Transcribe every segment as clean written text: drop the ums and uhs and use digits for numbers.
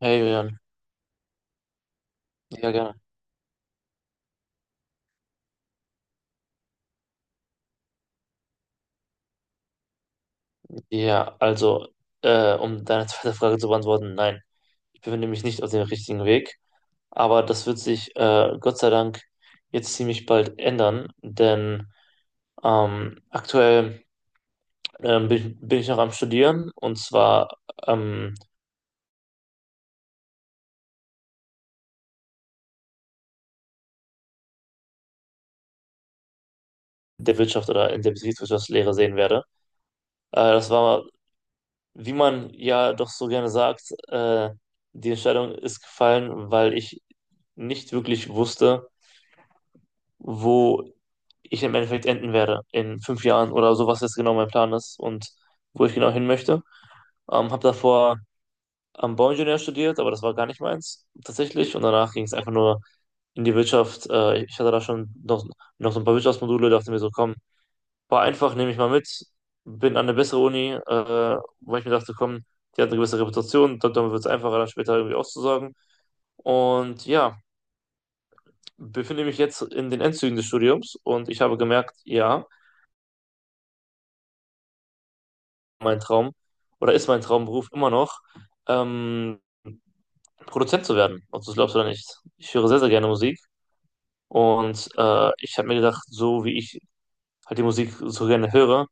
Hey Julian, ja gerne. Ja, also um deine zweite Frage zu beantworten, nein, ich befinde mich nicht auf dem richtigen Weg, aber das wird sich Gott sei Dank jetzt ziemlich bald ändern, denn aktuell bin ich noch am Studieren und zwar ähm, der Wirtschaft oder in der Betriebswirtschaftslehre sehen werde. Das war, wie man ja doch so gerne sagt, die Entscheidung ist gefallen, weil ich nicht wirklich wusste, wo ich im Endeffekt enden werde in fünf Jahren oder so, was jetzt genau mein Plan ist und wo ich genau hin möchte. Habe davor am Bauingenieur studiert, aber das war gar nicht meins tatsächlich. Und danach ging es einfach nur in die Wirtschaft. Ich hatte da schon noch so ein paar Wirtschaftsmodule, dachte mir so, komm, war einfach, nehme ich mal mit. Bin an eine bessere Uni, weil ich mir dachte, komm, die hat eine gewisse Reputation, damit wird es einfacher, dann später irgendwie auszusagen. Und ja, befinde mich jetzt in den Endzügen des Studiums und ich habe gemerkt, ja, mein Traum oder ist mein Traumberuf immer noch, ähm, Produzent zu werden, ob du es glaubst oder nicht. Ich höre sehr, sehr gerne Musik und ich habe mir gedacht, so wie ich halt die Musik so gerne höre,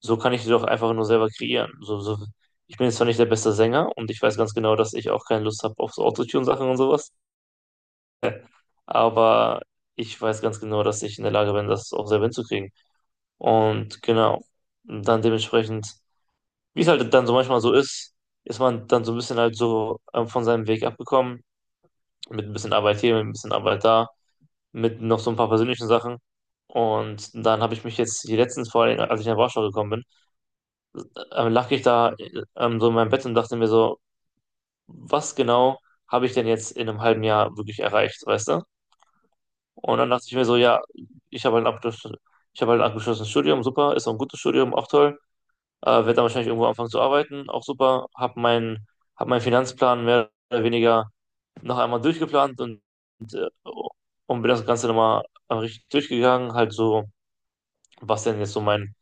so kann ich sie doch einfach nur selber kreieren. Ich bin jetzt zwar nicht der beste Sänger und ich weiß ganz genau, dass ich auch keine Lust habe auf so Autotune-Sachen und sowas, aber ich weiß ganz genau, dass ich in der Lage bin, das auch selber hinzukriegen. Und genau, dann dementsprechend. Wie es halt dann so manchmal so ist man dann so ein bisschen halt so von seinem Weg abgekommen, mit ein bisschen Arbeit hier, mit ein bisschen Arbeit da, mit noch so ein paar persönlichen Sachen. Und dann habe ich mich jetzt hier letztens vor allem, als ich nach Warschau gekommen bin, lag ich da so in meinem Bett und dachte mir so, was genau habe ich denn jetzt in einem halben Jahr wirklich erreicht, weißt du? Und dann dachte ich mir so, ja, ich habe halt ein Abschluss, ich habe halt ein abgeschlossenes Studium, super, ist auch ein gutes Studium, auch toll. Werde dann wahrscheinlich irgendwo anfangen zu arbeiten, auch super, hab meinen Finanzplan mehr oder weniger noch einmal durchgeplant und, äh, und bin das Ganze nochmal richtig durchgegangen, halt so, was denn jetzt so mein,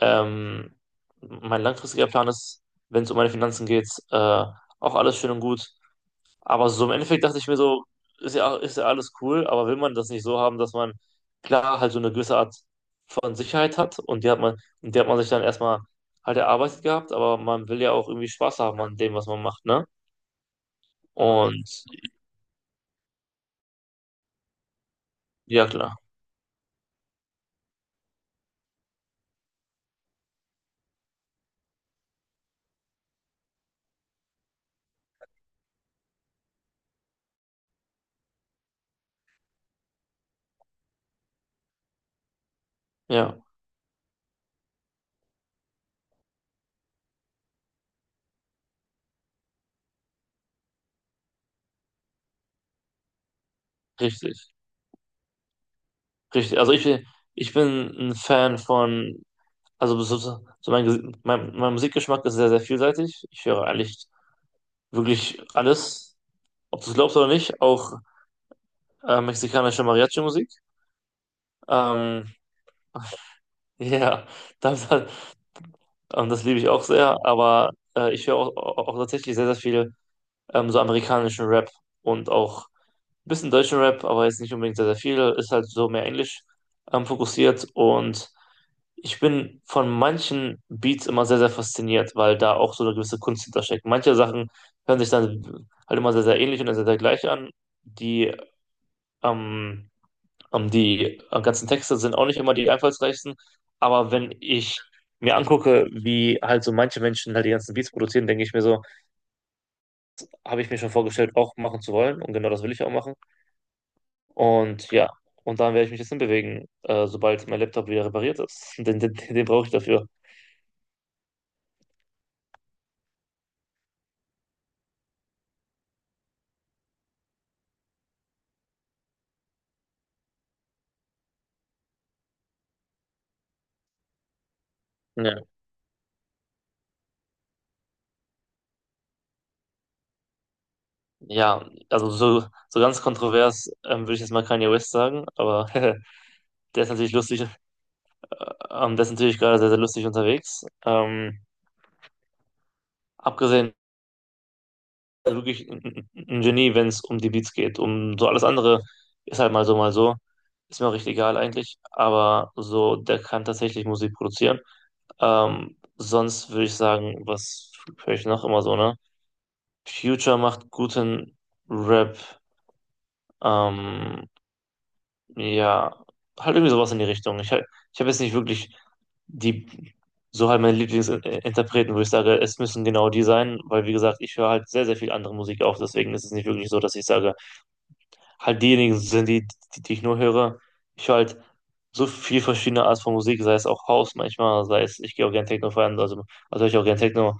ähm, mein langfristiger Plan ist, wenn es um meine Finanzen geht, auch alles schön und gut, aber so im Endeffekt dachte ich mir so, ist ja alles cool, aber will man das nicht so haben, dass man klar halt so eine gewisse Art von Sicherheit hat und die hat man sich dann erstmal halt erarbeitet gehabt, aber man will ja auch irgendwie Spaß haben an dem, was man macht, ne? Und ja, klar, ja, richtig, richtig. Also ich bin ein Fan von, also mein, mein Musikgeschmack ist sehr, sehr vielseitig. Ich höre eigentlich wirklich alles, ob du es glaubst oder nicht, auch mexikanische Mariachi-Musik. Ähm, ja, das, das liebe ich auch sehr, aber ich höre auch tatsächlich sehr, sehr viel so amerikanischen Rap und auch ein bisschen deutschen Rap, aber jetzt nicht unbedingt sehr, sehr viel, ist halt so mehr englisch fokussiert und ich bin von manchen Beats immer sehr, sehr fasziniert, weil da auch so eine gewisse Kunst hintersteckt. Manche Sachen hören sich dann halt immer sehr, sehr ähnlich und sehr, sehr gleich an, die ähm, die ganzen Texte sind auch nicht immer die einfallsreichsten, aber wenn ich mir angucke, wie halt so manche Menschen halt die ganzen Beats produzieren, denke ich mir so, habe ich mir schon vorgestellt, auch machen zu wollen und genau das will ich auch machen. Und ja, und dann werde ich mich jetzt hinbewegen, sobald mein Laptop wieder repariert ist. Den brauche ich dafür. Ja, ja, so ganz kontrovers würde ich jetzt mal Kanye West sagen, aber der ist natürlich lustig, der ist natürlich gerade sehr, sehr lustig unterwegs. Abgesehen also wirklich ein Genie, wenn es um die Beats geht. Um so alles andere ist halt mal so, mal so. Ist mir auch recht egal eigentlich. Aber so, der kann tatsächlich Musik produzieren. Sonst würde ich sagen, was höre ich noch immer so, ne? Future macht guten Rap. Ähm, ja, halt irgendwie sowas in die Richtung. Ich habe jetzt nicht wirklich die, so halt meine Lieblingsinterpreten, wo ich sage, es müssen genau die sein, weil wie gesagt, ich höre halt sehr, sehr viel andere Musik auf. Deswegen ist es nicht wirklich so, dass ich sage, halt diejenigen sind, die ich nur höre. Ich höre halt so viel verschiedene Art von Musik, sei es auch House manchmal, sei es, ich gehe auch gerne Techno feiern, also höre ich auch gerne Techno.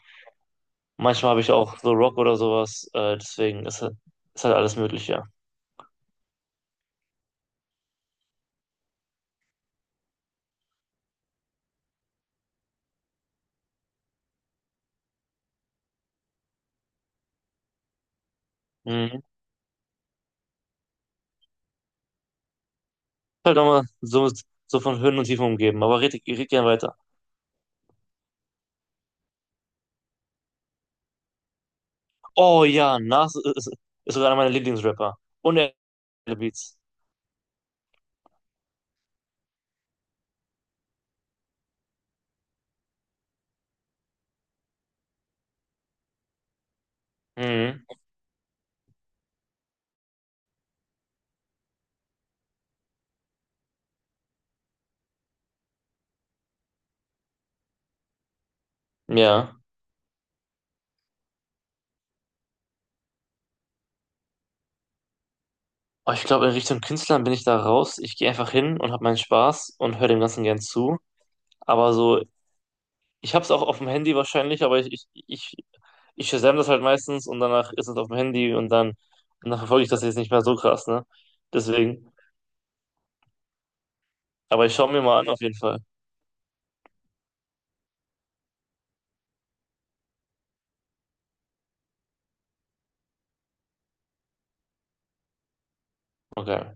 Manchmal habe ich auch so Rock oder sowas, deswegen ist halt alles möglich, ja. Mhm. Halt nochmal so, so von Höhen und Tiefen umgeben, aber red gerne weiter. Oh ja, ist sogar einer meiner Lieblingsrapper. Und er hat Beats. Mhm. Ja. Aber ich glaube, in Richtung Künstlern bin ich da raus. Ich gehe einfach hin und habe meinen Spaß und höre dem Ganzen gern zu. Aber so, ich hab's auch auf dem Handy wahrscheinlich, aber ich Shazam das halt meistens und danach ist es auf dem Handy und dann verfolge ich das jetzt nicht mehr so krass, ne? Deswegen. Aber ich schaue mir mal an, auf jeden Fall. Okay.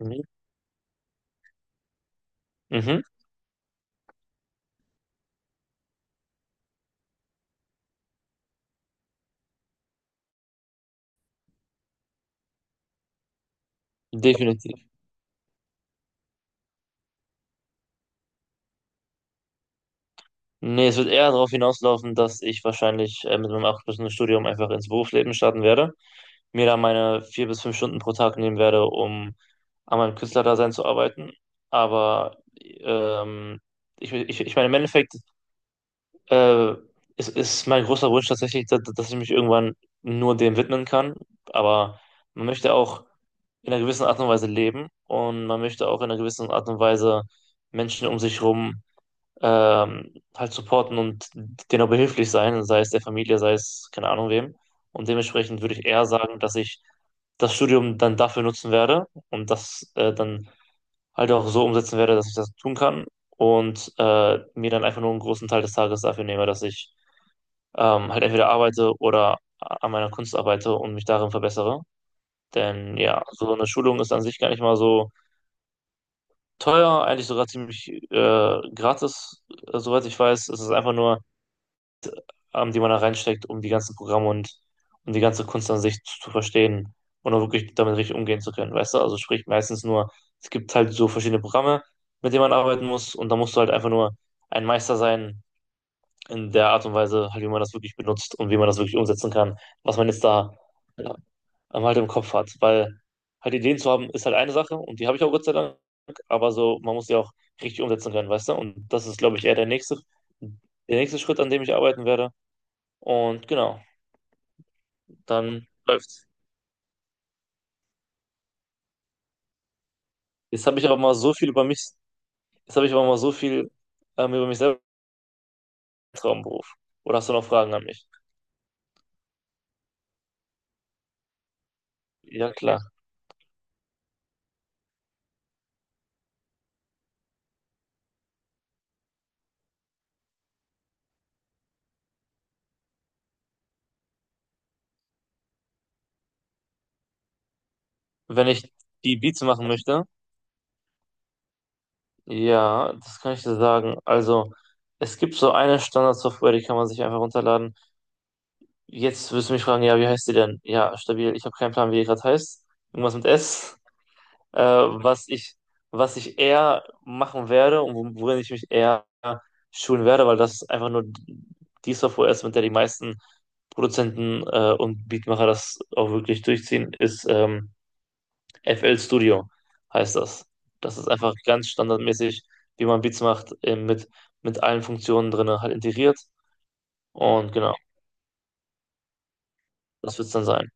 Mhm. Mhm. Definitiv. Nee, es wird eher darauf hinauslaufen, dass ich wahrscheinlich mit meinem abgeschlossenen Studium einfach ins Berufsleben starten werde. Mir da meine vier bis fünf Stunden pro Tag nehmen werde, um an meinem Künstlerdasein zu arbeiten. Aber ich meine, im Endeffekt Äh, es ist mein großer Wunsch tatsächlich, dass ich mich irgendwann nur dem widmen kann. Aber man möchte auch in einer gewissen Art und Weise leben und man möchte auch in einer gewissen Art und Weise Menschen um sich herum halt supporten und denen auch behilflich sein, sei es der Familie, sei es keine Ahnung wem. Und dementsprechend würde ich eher sagen, dass ich das Studium dann dafür nutzen werde und das dann halt auch so umsetzen werde, dass ich das tun kann und mir dann einfach nur einen großen Teil des Tages dafür nehme, dass ich halt entweder arbeite oder an meiner Kunst arbeite und mich darin verbessere. Denn ja, so eine Schulung ist an sich gar nicht mal so teuer, eigentlich sogar ziemlich gratis, soweit ich weiß. Es ist einfach nur, die man da reinsteckt, um die ganzen Programme und um die ganze Kunst an sich zu verstehen und auch wirklich damit richtig umgehen zu können, weißt du? Also sprich meistens nur, es gibt halt so verschiedene Programme, mit denen man arbeiten muss und da musst du halt einfach nur ein Meister sein in der Art und Weise, halt, wie man das wirklich benutzt und wie man das wirklich umsetzen kann, was man jetzt da ähm, halt im Kopf hat. Weil halt Ideen zu haben, ist halt eine Sache und die habe ich auch Gott sei Dank, aber so, man muss die auch richtig umsetzen können, weißt du? Und das ist, glaube ich, eher der nächste Schritt, an dem ich arbeiten werde. Und genau, dann läuft's. Jetzt habe ich aber mal so viel über mich, jetzt habe ich aber mal so viel über mich selber im Traumberuf. Oder hast du noch Fragen an mich? Ja, klar. Wenn ich die Beats machen möchte, ja, das kann ich dir sagen. Also, es gibt so eine Standardsoftware, die kann man sich einfach runterladen. Jetzt wirst du mich fragen, ja, wie heißt die denn? Ja, stabil. Ich habe keinen Plan, wie die gerade heißt. Irgendwas mit S. Äh, was ich, was ich eher machen werde und worin ich mich eher schulen werde, weil das einfach nur die Software ist, mit der die meisten Produzenten und Beatmacher das auch wirklich durchziehen, ist FL Studio heißt das. Das ist einfach ganz standardmäßig, wie man Beats macht, eben mit allen Funktionen drin halt integriert. Und genau, das wird es dann sein.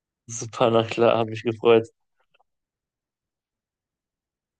Super, na klar, habe mich gefreut.